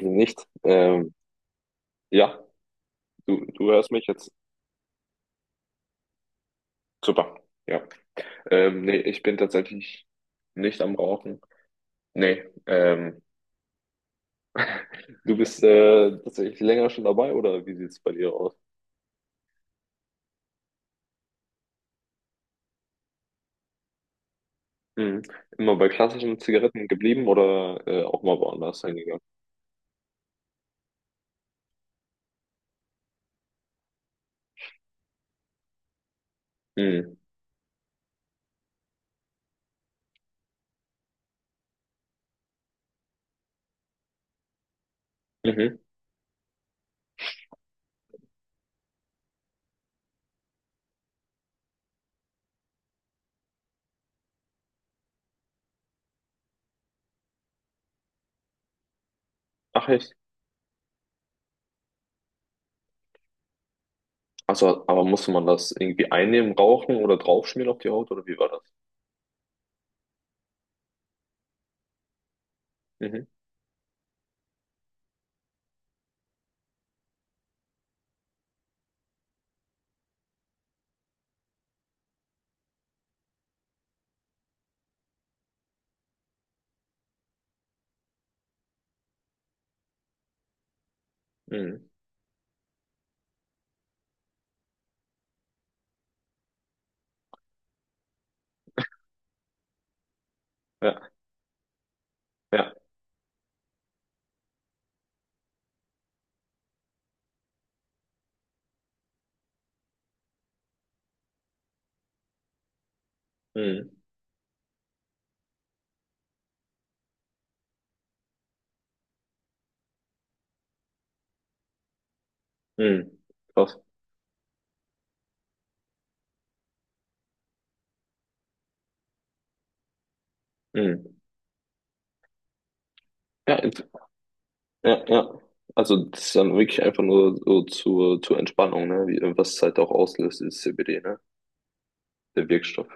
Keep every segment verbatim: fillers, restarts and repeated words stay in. Nicht. Ähm, ja, du, du hörst mich jetzt. Super. Ja. Ähm, nee, ich bin tatsächlich nicht am Rauchen. Nee. Ähm, du bist äh, tatsächlich länger schon dabei oder wie sieht es bei dir aus? Mhm. Immer bei klassischen Zigaretten geblieben oder äh, auch mal woanders hingegangen? Mhm. Mhm. Ach echt? Also, aber musste man das irgendwie einnehmen, rauchen oder draufschmieren auf die Haut oder wie war das? Mhm. Mhm. Ja, ja. Mhm. Mhm. Krass. Mhm. Ja, ja, ja. Also das ist dann wirklich einfach nur so zur, zur Entspannung, ne? Wie, was es halt auch auslöst, ist C B D, ne? Der Wirkstoff.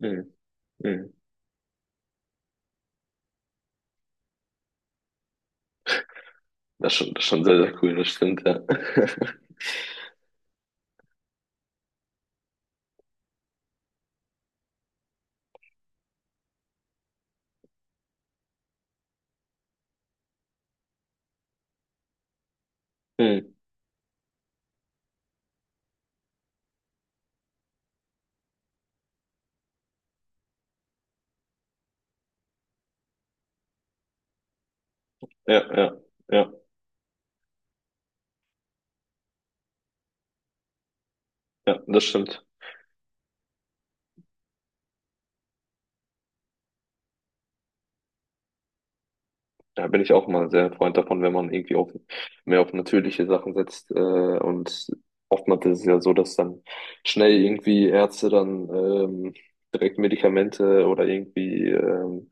Mhm. Mhm. Das ist schon, das ist schon sehr, sehr cool, das stimmt, ja. Mhm. Ja, ja, ja, ja, das stimmt. Da bin ich auch mal sehr Freund davon, wenn man irgendwie auf, mehr auf natürliche Sachen setzt. Äh, und oftmals ist es ja so, dass dann schnell irgendwie Ärzte dann ähm, direkt Medikamente oder irgendwie ähm,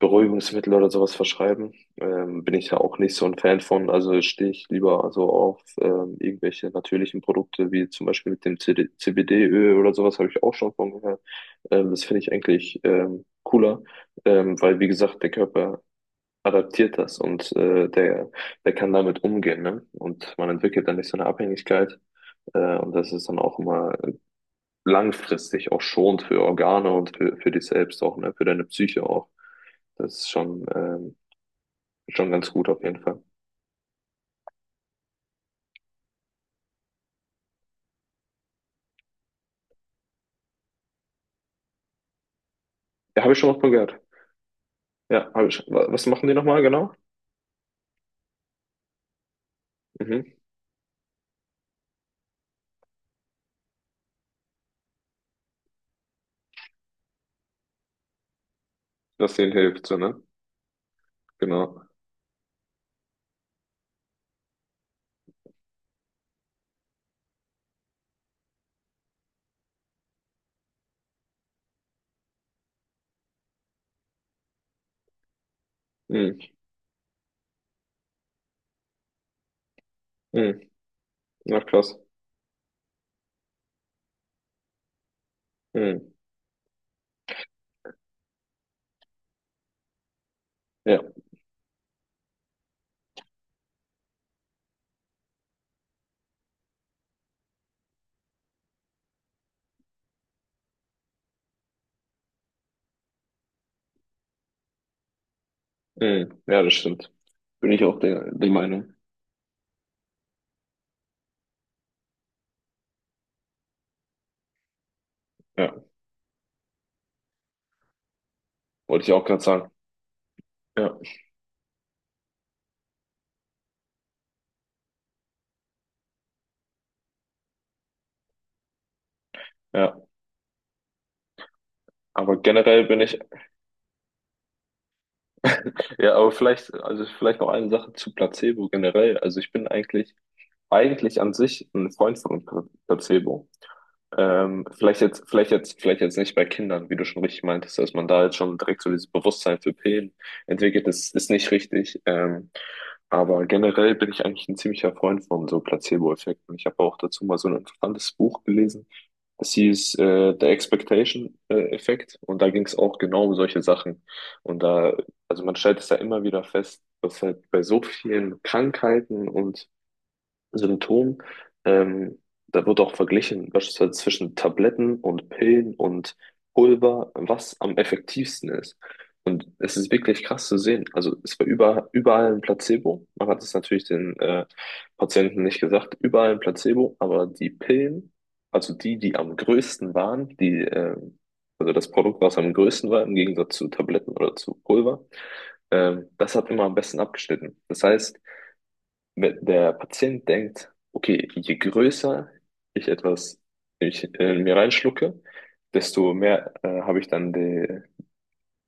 Beruhigungsmittel oder sowas verschreiben. Ähm, bin ich ja auch nicht so ein Fan von. Also stehe ich lieber so auf ähm, irgendwelche natürlichen Produkte, wie zum Beispiel mit dem C D C B D-Öl oder sowas, habe ich auch schon von gehört. Ähm, das finde ich eigentlich ähm, cooler. Ähm, weil, wie gesagt, der Körper adaptiert das und äh, der, der kann damit umgehen, ne? Und man entwickelt dann nicht so eine Abhängigkeit. Äh, und das ist dann auch immer langfristig auch schonend für Organe und für, für dich selbst auch, ne? Für deine Psyche auch. Das ist schon, ähm, schon ganz gut auf jeden Fall. Ja, habe ich schon mal von gehört. Ja, habe ich. wa- Was machen die nochmal genau? Mhm. Dass denen hilft, so, ne? Genau. Mhm. Mhm. Ja, krass. Mhm. Ja. Mhm. Ja, das stimmt. Bin ich auch der, der Meinung. Ja, wollte ich auch gerade sagen. Ja. Ja, aber generell bin ich Ja, aber vielleicht, also vielleicht noch eine Sache zu Placebo generell. Also ich bin eigentlich, eigentlich an sich ein Freund von Pla- Placebo. Ähm, vielleicht jetzt, vielleicht jetzt, vielleicht jetzt nicht bei Kindern, wie du schon richtig meintest, dass man da jetzt schon direkt so dieses Bewusstsein für Pillen entwickelt, das ist nicht richtig. Ähm, aber generell bin ich eigentlich ein ziemlicher Freund von so Placebo-Effekten. Ich habe auch dazu mal so ein interessantes Buch gelesen. Das hieß äh, der Expectation-Effekt und da ging es auch genau um solche Sachen. Und da, also man stellt es da immer wieder fest, dass halt bei so vielen Krankheiten und Symptom. Ähm, da wird auch verglichen, beispielsweise zwischen Tabletten und Pillen und Pulver, was am effektivsten ist. Und es ist wirklich krass zu sehen. Also es war über, überall ein Placebo. Man hat es natürlich den äh, Patienten nicht gesagt, überall ein Placebo, aber die Pillen, also die, die am größten waren, die, äh, also das Produkt, was am größten war, im Gegensatz zu Tabletten oder zu Pulver, ähm, das hat immer am besten abgeschnitten. Das heißt, wenn der Patient denkt, okay, je größer ich etwas ich, äh, mir reinschlucke, desto mehr äh, habe ich dann die,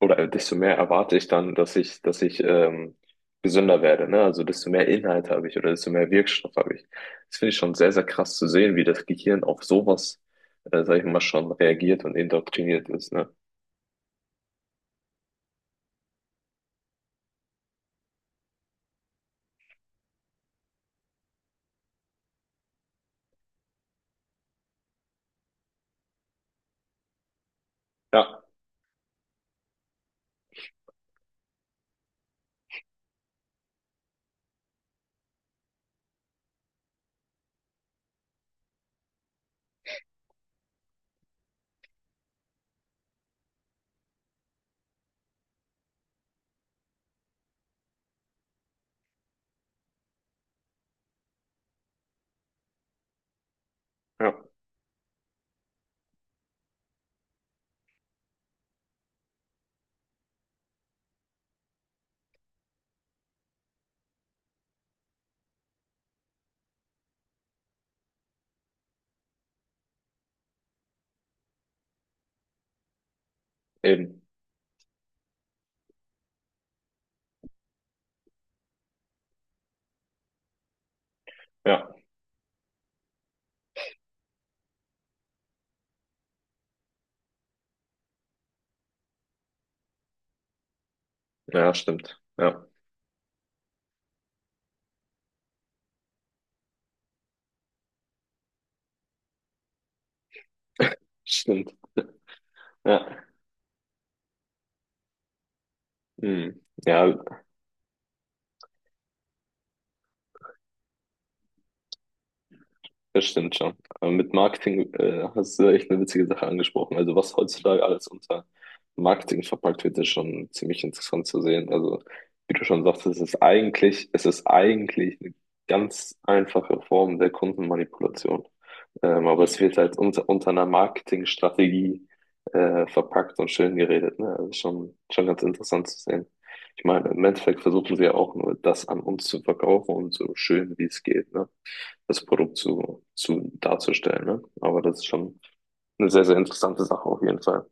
oder äh, desto mehr erwarte ich dann, dass ich, dass ich ähm, gesünder werde, ne? Also desto mehr Inhalt habe ich oder desto mehr Wirkstoff habe ich. Das finde ich schon sehr, sehr krass zu sehen, wie das Gehirn auf sowas, äh, sag ich mal, schon reagiert und indoktriniert ist, ne? Ja, ja, eben. Ja, ja, stimmt. Ja, stimmt. Ja. Hm. Ja, das stimmt schon. Aber mit Marketing äh, hast du echt eine witzige Sache angesprochen. Also was heutzutage alles unter Marketing verpackt wird, ist schon ziemlich interessant zu sehen. Also wie du schon sagst, es ist eigentlich, es ist eigentlich eine ganz einfache Form der Kundenmanipulation. Ähm, aber es wird halt unter, unter einer Marketingstrategie äh, verpackt und schön geredet. Ne? Also schon, schon ganz interessant zu sehen. Ich meine, im Endeffekt versuchen sie ja auch nur das an uns zu verkaufen und so schön wie es geht. Ne? Das Produkt zu, zu darzustellen. Ne? Aber das ist schon eine sehr, sehr interessante Sache auf jeden Fall.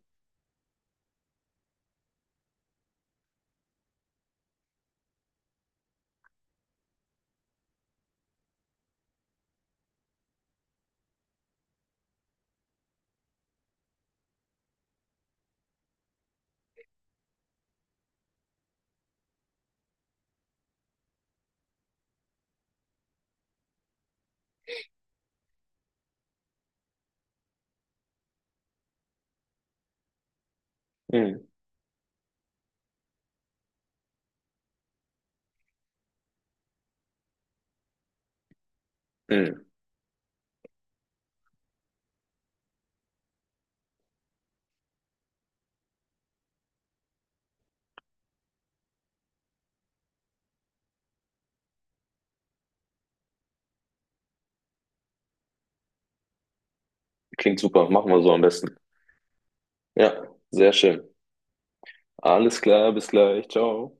Mhm. Mhm. Klingt super, machen wir so am besten. Ja, sehr schön. Alles klar, bis gleich. Ciao.